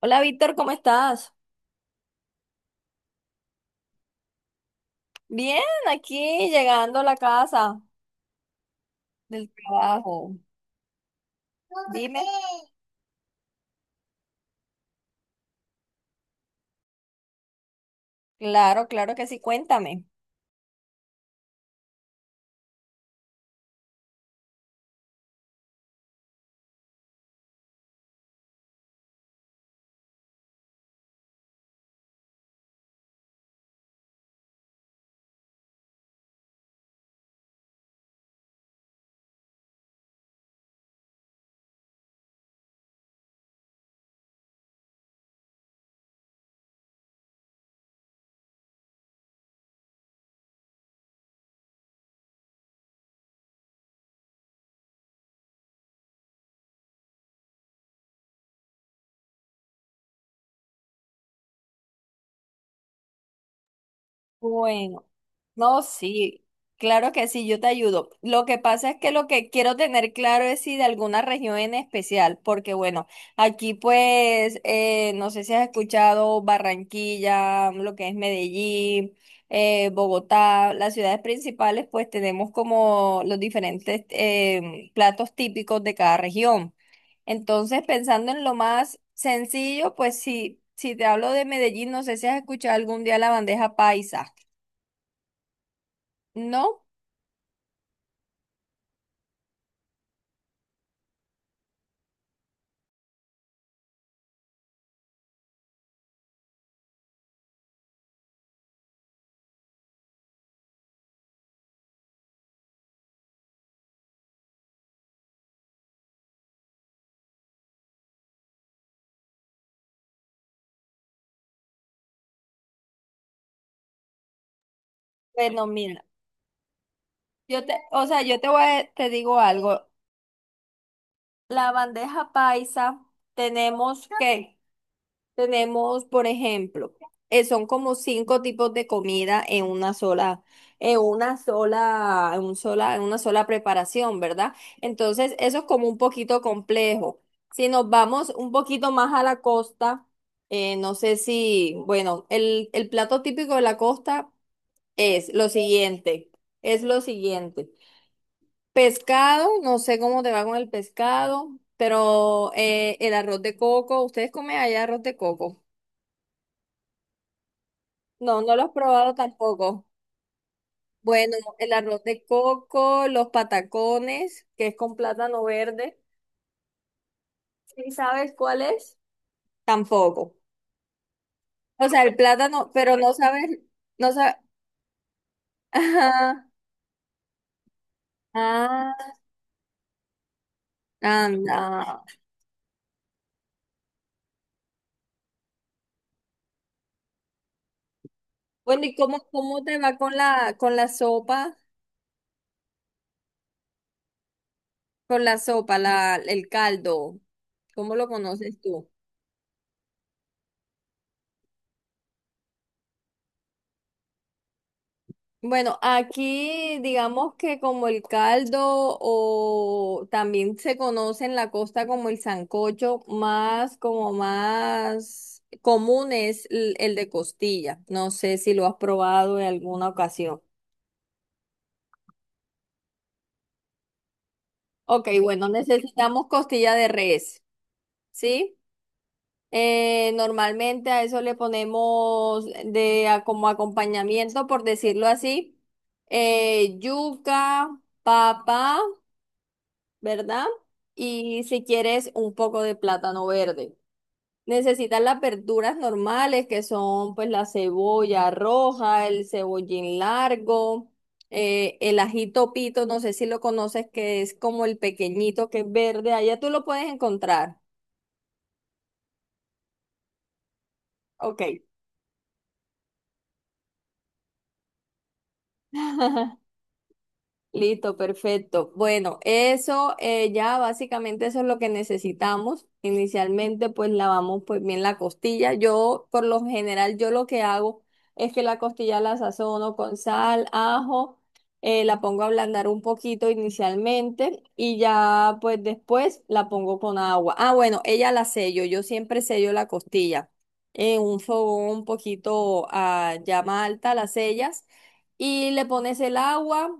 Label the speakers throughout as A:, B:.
A: Hola Víctor, ¿cómo estás? Bien, aquí llegando a la casa del trabajo. Dime. Claro, claro que sí, cuéntame. Bueno, no, sí, claro que sí, yo te ayudo. Lo que pasa es que lo que quiero tener claro es si de alguna región en especial, porque bueno, aquí pues, no sé si has escuchado Barranquilla, lo que es Medellín, Bogotá, las ciudades principales, pues tenemos como los diferentes platos típicos de cada región. Entonces, pensando en lo más sencillo, pues sí, si te hablo de Medellín, no sé si has escuchado algún día la bandeja paisa. No, bueno, mira, o sea, yo te voy a- te digo algo. La bandeja paisa tenemos que, tenemos, por ejemplo, son como cinco tipos de comida en una sola preparación, ¿verdad? Entonces, eso es como un poquito complejo. Si nos vamos un poquito más a la costa, no sé si, bueno, el plato típico de la costa es lo siguiente, es lo siguiente. Pescado, no sé cómo te va con el pescado, pero el arroz de coco, ¿ustedes comen allá arroz de coco? No, no lo has probado tampoco. Bueno, el arroz de coco, los patacones, que es con plátano verde. ¿Sí sabes cuál es? Tampoco. O sea, el plátano, pero no sabes. Ajá. Ah, anda. Bueno, ¿y cómo te va con la sopa? Con la sopa, el caldo. ¿Cómo lo conoces tú? Bueno, aquí digamos que como el caldo o también se conoce en la costa como el sancocho, más como más común es el de costilla. No sé si lo has probado en alguna ocasión. Ok, bueno, necesitamos costilla de res, ¿sí? Normalmente a eso le ponemos como acompañamiento, por decirlo así, yuca, papa. ¿Verdad? Y si quieres un poco de plátano verde. Necesitas las verduras normales que son pues la cebolla roja, el cebollín largo, el ajito pito, no sé si lo conoces, que es como el pequeñito que es verde, allá tú lo puedes encontrar. Ok. Listo, perfecto. Bueno, eso ya básicamente eso es lo que necesitamos. Inicialmente pues lavamos pues bien la costilla. Yo por lo general yo lo que hago es que la costilla la sazono con sal, ajo, la pongo a ablandar un poquito inicialmente y ya pues después la pongo con agua. Ah, bueno, ella la sello. Yo siempre sello la costilla en un fogón un poquito a llama alta, la sellas y le pones el agua,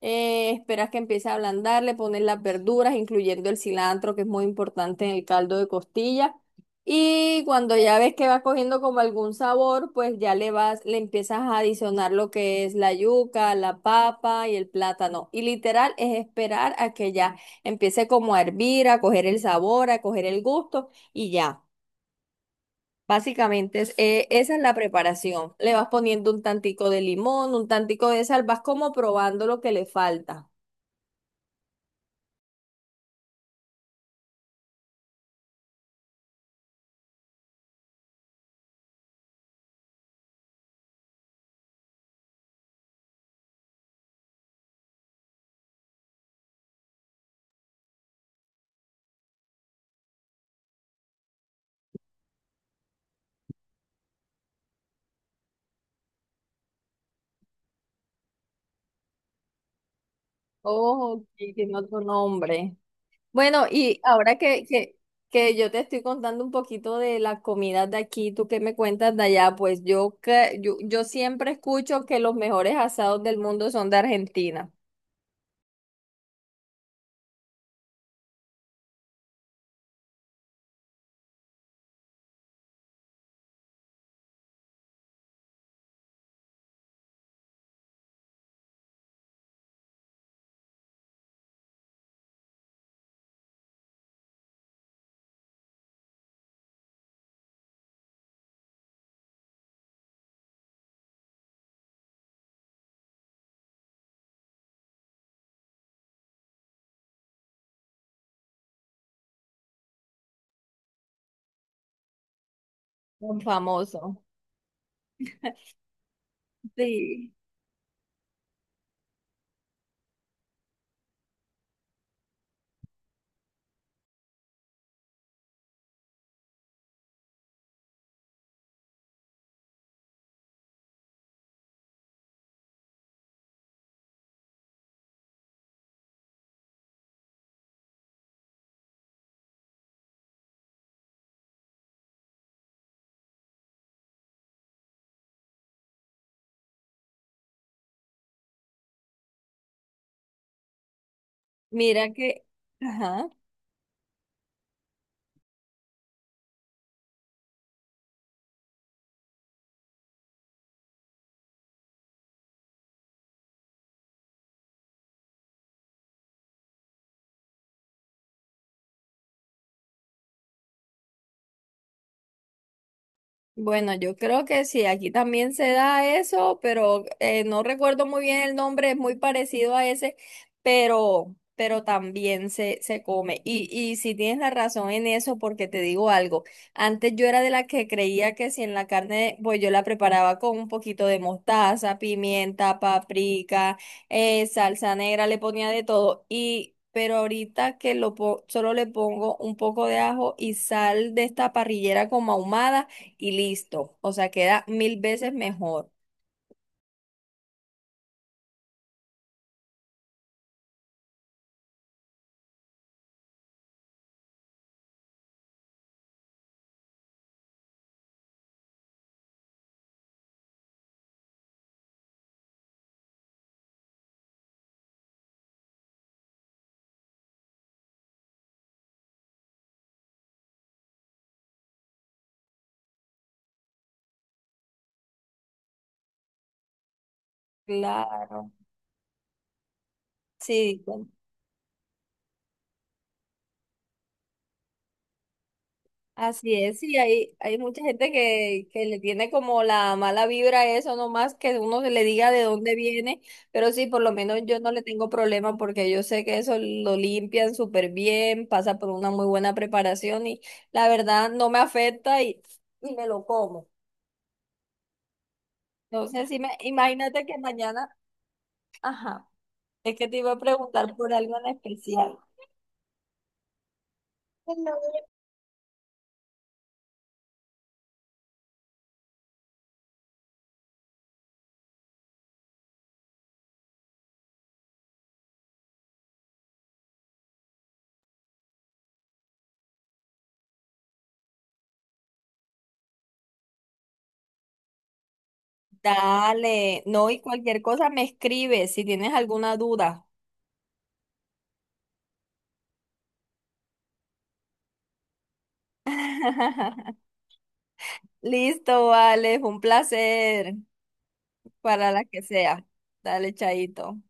A: esperas que empiece a ablandar, le pones las verduras, incluyendo el cilantro, que es muy importante en el caldo de costilla. Y cuando ya ves que va cogiendo como algún sabor, pues ya le empiezas a adicionar lo que es la yuca, la papa y el plátano. Y literal es esperar a que ya empiece como a hervir, a coger el sabor, a coger el gusto y ya. Básicamente esa es la preparación. Le vas poniendo un tantico de limón, un tantico de sal, vas como probando lo que le falta. Oh, ok, tiene otro nombre. Bueno, y ahora que yo te estoy contando un poquito de las comidas de aquí, tú qué me cuentas de allá, pues yo siempre escucho que los mejores asados del mundo son de Argentina, son famosos. Sí. Mira que, ajá. Bueno, yo creo que sí, aquí también se da eso, pero no recuerdo muy bien el nombre, es muy parecido a ese, pero también se come. Y si tienes la razón en eso, porque te digo algo, antes yo era de la que creía que si en la carne, pues yo la preparaba con un poquito de mostaza, pimienta, paprika, salsa negra, le ponía de todo. Y pero ahorita que solo le pongo un poco de ajo y sal de esta parrillera como ahumada y listo. O sea, queda mil veces mejor. Claro. Sí, bueno, así es. Sí, hay mucha gente que le tiene como la mala vibra a eso, no más que uno se le diga de dónde viene, pero sí, por lo menos yo no le tengo problema porque yo sé que eso lo limpian súper bien, pasa por una muy buena preparación y la verdad no me afecta y me lo como. Entonces, imagínate que mañana, ajá, es que te iba a preguntar por algo en especial. Dale, no, y cualquier cosa me escribes si tienes alguna duda. Listo, vale, fue un placer para la que sea. Dale, chaito.